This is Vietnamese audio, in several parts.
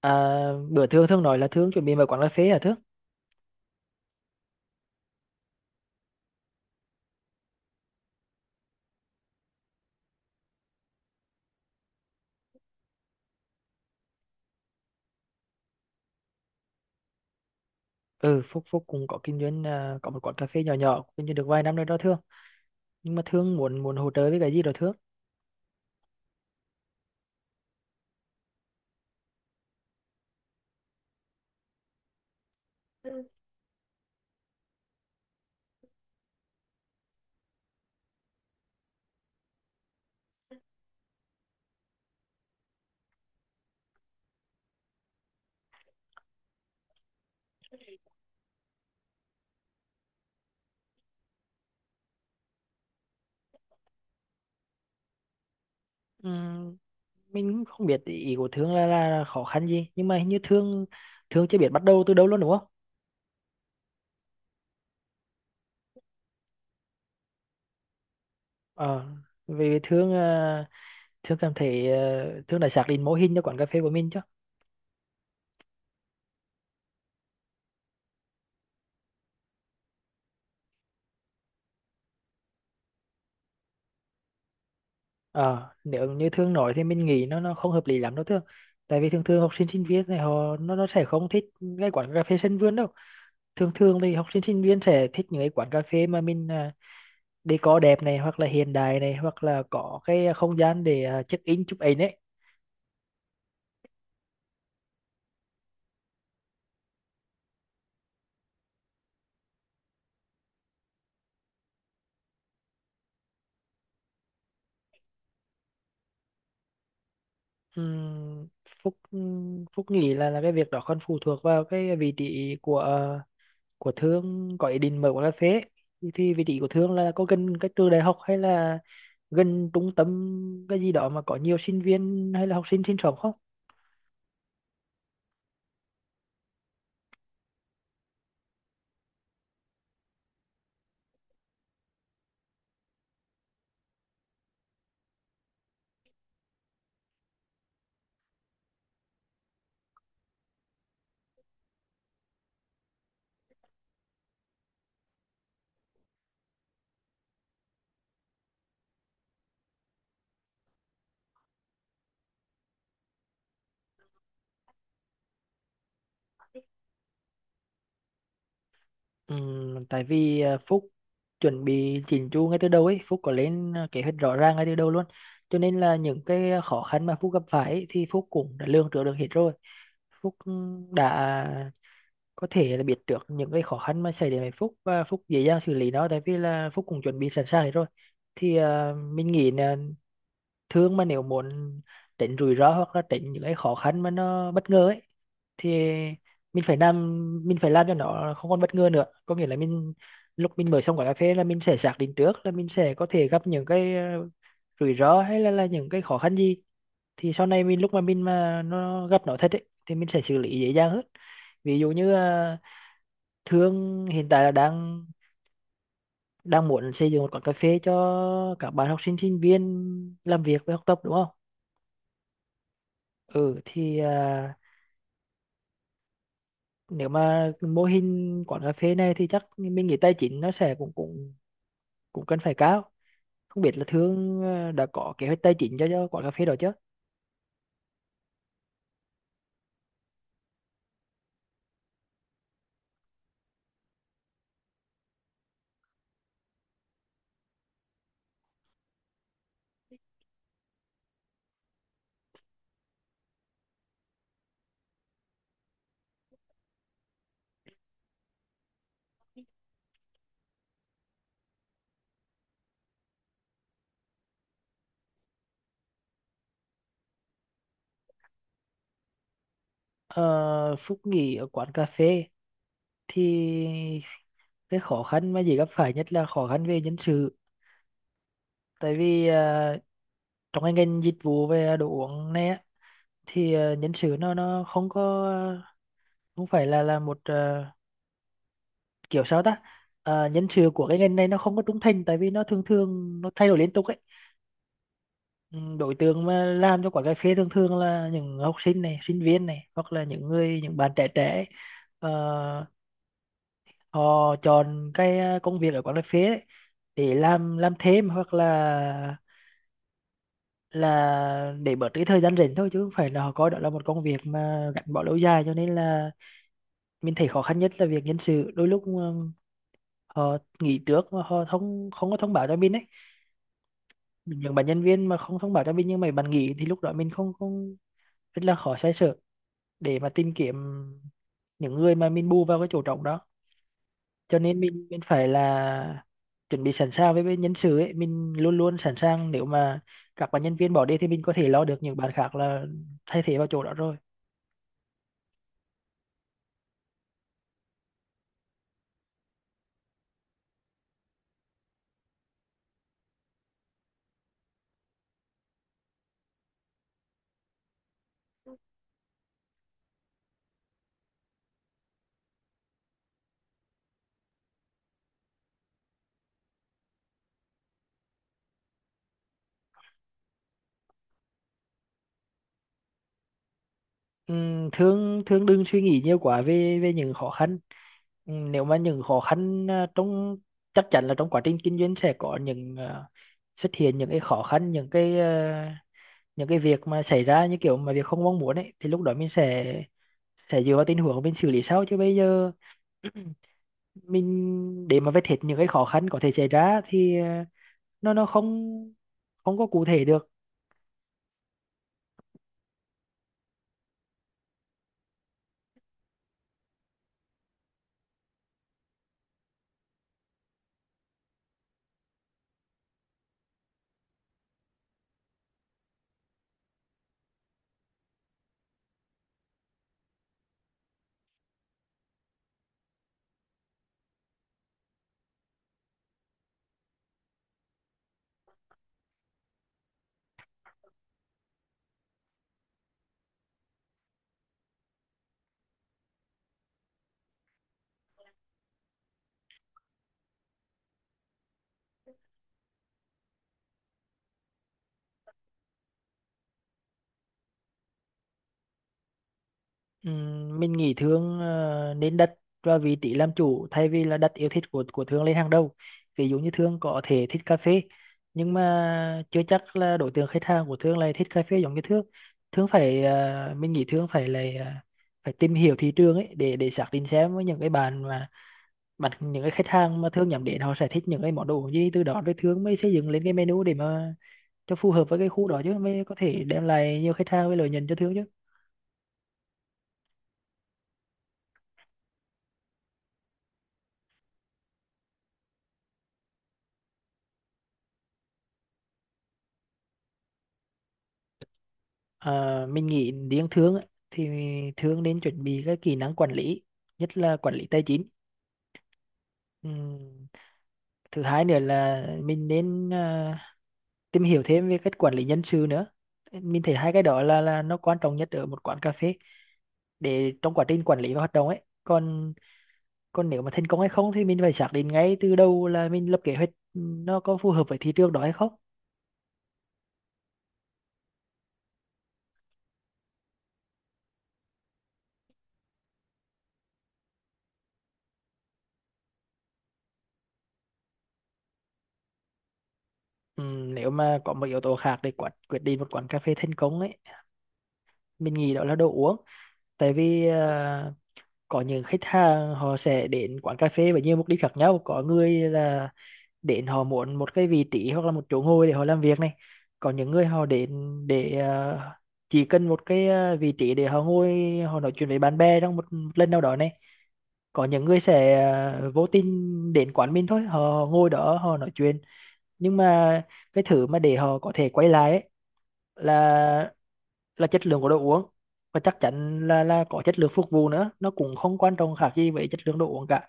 À, bữa Thương Thương nói là Thương chuẩn bị mở quán cà phê hả Thương? Ừ, Phúc Phúc cũng có kinh doanh có một quán cà phê nhỏ nhỏ kinh doanh được vài năm rồi đó Thương. Nhưng mà Thương muốn muốn hỗ trợ với cái gì đó Thương? Ừm, mình cũng không biết ý của Thương là khó khăn gì, nhưng mà hình như Thương Thương chưa biết bắt đầu từ đâu luôn đúng không? Ờ, vì Thương cảm thấy Thương đã xác định mô hình cho quán cà phê của mình chứ. Ờ, nếu như Thương nói thì mình nghĩ nó không hợp lý lắm đâu Thương. Tại vì thường thường học sinh sinh viên này họ nó sẽ không thích cái quán cà phê sân vườn đâu, thường thường thì học sinh sinh viên sẽ thích những cái quán cà phê mà mình decor đẹp này hoặc là hiện đại này hoặc là có cái không gian để check in chụp ảnh ấy. Ừm, Phúc Phúc nghĩ là cái việc đó còn phụ thuộc vào cái vị trí của Thương có ý định mở quán cà phê ấy. Thì vị trí của Thương là có gần cái trường đại học hay là gần trung tâm cái gì đó mà có nhiều sinh viên hay là học sinh sinh sống không? Tại vì Phúc chuẩn bị chỉnh chu ngay từ đầu ấy, Phúc có lên kế hoạch rõ ràng ngay từ đầu luôn. Cho nên là những cái khó khăn mà Phúc gặp phải ấy, thì Phúc cũng đã lường trước được hết rồi. Phúc đã có thể là biết được những cái khó khăn mà xảy đến với Phúc và Phúc dễ dàng xử lý nó tại vì là Phúc cũng chuẩn bị sẵn sàng hết rồi. Thì mình nghĩ là thường mà nếu muốn tránh rủi ro hoặc là tránh những cái khó khăn mà nó bất ngờ ấy thì mình phải làm mình phải làm cho nó không còn bất ngờ nữa, có nghĩa là mình lúc mình mở xong quán cà phê là mình sẽ xác định trước là mình sẽ có thể gặp những cái rủi ro là những cái khó khăn gì, thì sau này mình lúc mà mình mà nó gặp nó thật ấy thì mình sẽ xử lý dễ dàng hơn. Ví dụ như Thương hiện tại là đang đang muốn xây dựng một quán cà phê cho các bạn học sinh sinh viên làm việc và học tập đúng không? Ừ thì nếu mà mô hình quán cà phê này thì chắc mình nghĩ tài chính nó sẽ cũng cũng cũng cần phải cao, không biết là Thương đã có kế hoạch tài chính cho quán cà phê đó chứ? Ờ, Phúc nghĩ ở quán cà phê thì cái khó khăn mà dễ gặp phải nhất là khó khăn về nhân sự, tại vì trong cái ngành dịch vụ về đồ uống này á, thì nhân sự nó không có, không phải là một kiểu sao ta. Ờ, nhân sự của cái ngành này nó không có trung thành tại vì nó thường thường nó thay đổi liên tục ấy. Ừ, đối tượng mà làm cho quán cà phê thường thường là những học sinh này sinh viên này hoặc là những người những bạn trẻ trẻ ấy. Ờ, họ chọn cái công việc ở quán cà phê ấy để làm thêm hoặc là để bớt cái thời gian rảnh thôi chứ không phải là họ coi đó là một công việc mà gắn bó lâu dài, cho nên là mình thấy khó khăn nhất là việc nhân sự, đôi lúc họ nghỉ trước mà họ không không có thông báo cho mình ấy, những bạn nhân viên mà không thông báo cho mình nhưng mà bạn nghỉ thì lúc đó mình không không rất là khó xoay sở để mà tìm kiếm những người mà mình bù vào cái chỗ trống đó, cho nên mình phải là chuẩn bị sẵn sàng với nhân sự ấy, mình luôn luôn sẵn sàng nếu mà các bạn nhân viên bỏ đi thì mình có thể lo được những bạn khác là thay thế vào chỗ đó rồi. Thương thương đừng suy nghĩ nhiều quá về về những khó khăn. Nếu mà những khó khăn à, trong chắc chắn là trong quá trình kinh doanh sẽ có xuất hiện những cái khó khăn, những những cái việc mà xảy ra như kiểu mà việc không mong muốn ấy thì lúc đó mình sẽ dựa vào tình huống mình xử lý sau, chứ bây giờ mình để mà vết hết những cái khó khăn có thể xảy ra thì nó không, không có cụ thể được. Mình nghĩ thương nên đặt vào vị trí làm chủ thay vì là đặt yêu thích của thương lên hàng đầu. Ví dụ như thương có thể thích cà phê nhưng mà chưa chắc là đối tượng khách hàng của thương lại thích cà phê giống như thương. Mình nghĩ thương phải tìm hiểu thị trường ấy để xác định xem với những cái bạn mà những cái khách hàng mà thương nhắm đến họ sẽ thích những cái món đồ gì, từ đó rồi thương mới xây dựng lên cái menu để mà cho phù hợp với cái khu đó chứ mới có thể đem lại nhiều khách hàng với lợi nhuận cho thương chứ. À, mình nghĩ riêng thương ấy, thì thương nên chuẩn bị các kỹ năng quản lý, nhất là quản lý tài chính. Ừm, thứ hai nữa là mình nên tìm hiểu thêm về cách quản lý nhân sự nữa. Mình thấy hai cái đó là nó quan trọng nhất ở một quán cà phê để trong quá trình quản lý và hoạt động ấy, còn còn nếu mà thành công hay không thì mình phải xác định ngay từ đầu là mình lập kế hoạch nó có phù hợp với thị trường đó hay không. Nếu mà có một yếu tố khác để quyết quyết định một quán cà phê thành công ấy, mình nghĩ đó là đồ uống. Tại vì có những khách hàng họ sẽ đến quán cà phê với nhiều mục đích khác nhau, có người là đến họ muốn một cái vị trí hoặc là một chỗ ngồi để họ làm việc này, còn những người họ đến để chỉ cần một cái vị trí để họ ngồi, họ nói chuyện với bạn bè trong một lần nào đó này, có những người sẽ vô tình đến quán mình thôi, họ ngồi đó họ nói chuyện. Nhưng mà cái thứ mà để họ có thể quay lại ấy, là chất lượng của đồ uống, và chắc chắn là có chất lượng phục vụ nữa, nó cũng không quan trọng khác gì với chất lượng đồ uống cả.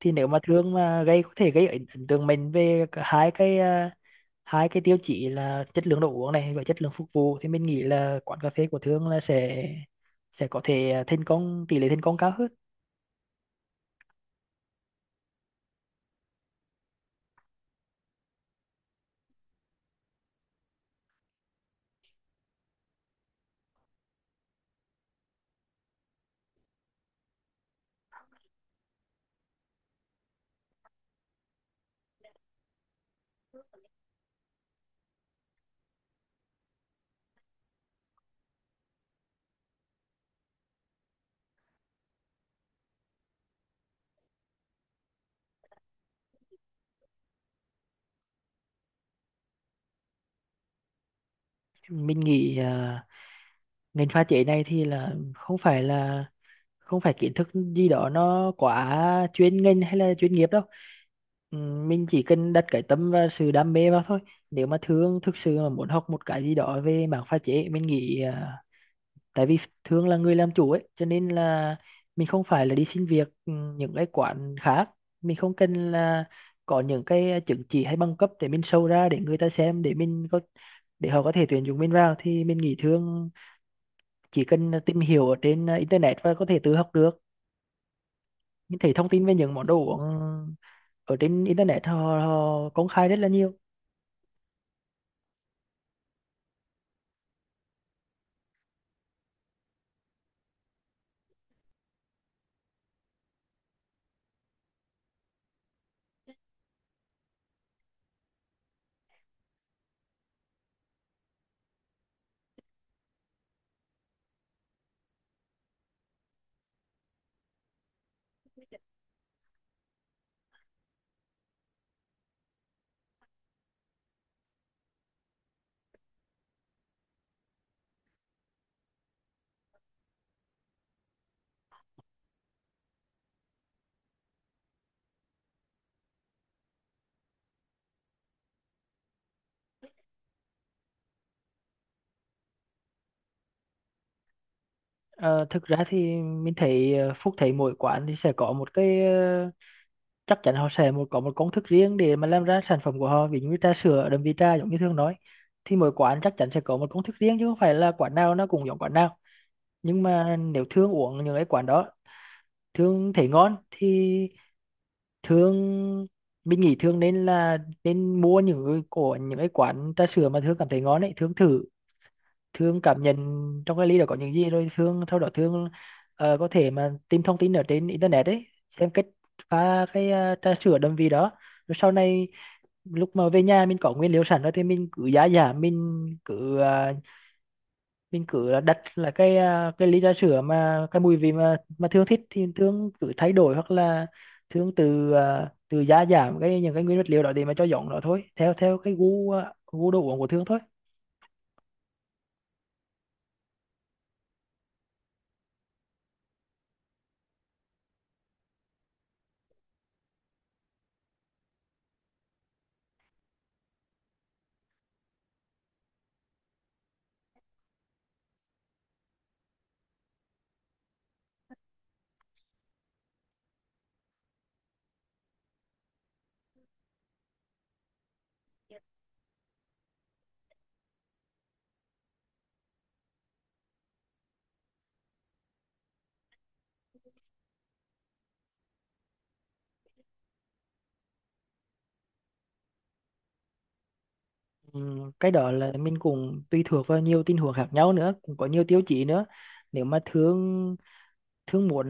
Thì nếu mà thương mà có thể gây ấn ấn tượng mình về cả hai hai cái tiêu chí là chất lượng đồ uống này và chất lượng phục vụ, thì mình nghĩ là quán cà phê của thương là sẽ có thể thành công, tỷ lệ thành công cao hơn. Mình nghĩ ngành pha chế này thì là không phải kiến thức gì đó nó quá chuyên ngành hay là chuyên nghiệp đâu. Ừ, mình chỉ cần đặt cái tâm và sự đam mê vào thôi. Nếu mà thương thực sự mà muốn học một cái gì đó về mảng pha chế, mình nghĩ tại vì thường là người làm chủ ấy cho nên là mình không phải là đi xin việc những cái quán khác, mình không cần là có những cái chứng chỉ hay bằng cấp để mình show ra để người ta xem để mình có để họ có thể tuyển dụng mình vào, thì mình nghĩ thường chỉ cần tìm hiểu ở trên internet và có thể tự học được. Mình thấy thông tin về những món đồ uống ở trên internet họ công khai rất là nhiều. Ờ, thực ra thì Phúc thấy mỗi quán thì sẽ có một cái chắc chắn họ sẽ có một công thức riêng để mà làm ra sản phẩm của họ, ví dụ như trà sữa đậm vị trà giống như thương nói, thì mỗi quán chắc chắn sẽ có một công thức riêng chứ không phải là quán nào nó cũng giống quán nào. Nhưng mà nếu thương uống những cái quán đó thương thấy ngon thì thương mình nghĩ thương nên mua những cái của những cái quán trà sữa mà thương cảm thấy ngon ấy, thương thử. Thương cảm nhận trong cái ly đó có những gì rồi sau đó Thương có thể mà tìm thông tin ở trên internet ấy, xem cách pha cái trà sữa đậm vị đó, rồi sau này lúc mà về nhà mình có nguyên liệu sẵn rồi thì mình cứ đặt là cái ly trà sữa mà cái mùi vị mà Thương thích thì Thương cứ thay đổi, hoặc là Thương từ giá giảm cái những cái nguyên vật liệu đó để mà cho giọng nó thôi theo theo cái gu đồ uống của Thương thôi. Ừ, cái đó là mình cũng tùy thuộc vào nhiều tình huống khác nhau nữa, cũng có nhiều tiêu chí nữa. Nếu mà thương thương muốn,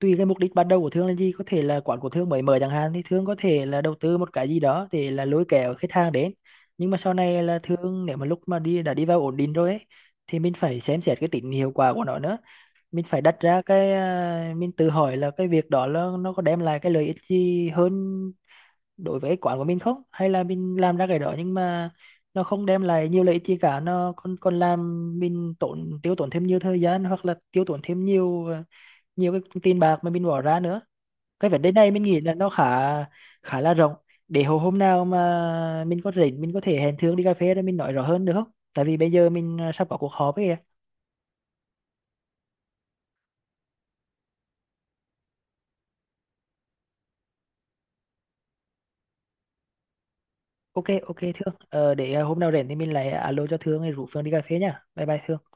tùy cái mục đích ban đầu của thương là gì, có thể là quán của thương mới mở chẳng hạn, thì thương có thể là đầu tư một cái gì đó để là lôi kéo khách hàng đến, nhưng mà sau này là thương nếu mà lúc mà đi vào ổn định rồi ấy, thì mình phải xem xét cái tính hiệu quả của nó nữa. Mình phải đặt ra mình tự hỏi là cái việc đó là nó có đem lại cái lợi ích gì hơn đối với cái quán của mình không, hay là mình làm ra cái đó nhưng mà nó không đem lại nhiều lợi ích gì cả, nó còn còn làm mình tiêu tốn thêm nhiều thời gian hoặc là tiêu tốn thêm nhiều nhiều cái tiền bạc mà mình bỏ ra nữa. Cái vấn đề này mình nghĩ là nó khá khá là rộng, để hồi hôm nào mà mình có rảnh mình có thể hẹn Thương đi cà phê để mình nói rõ hơn được không, tại vì bây giờ mình sắp có cuộc họp ấy kìa. Ok, ok Thương, để hôm nào rảnh thì mình lại alo cho Thương rồi rủ phương đi cà phê nha, bye bye Thương.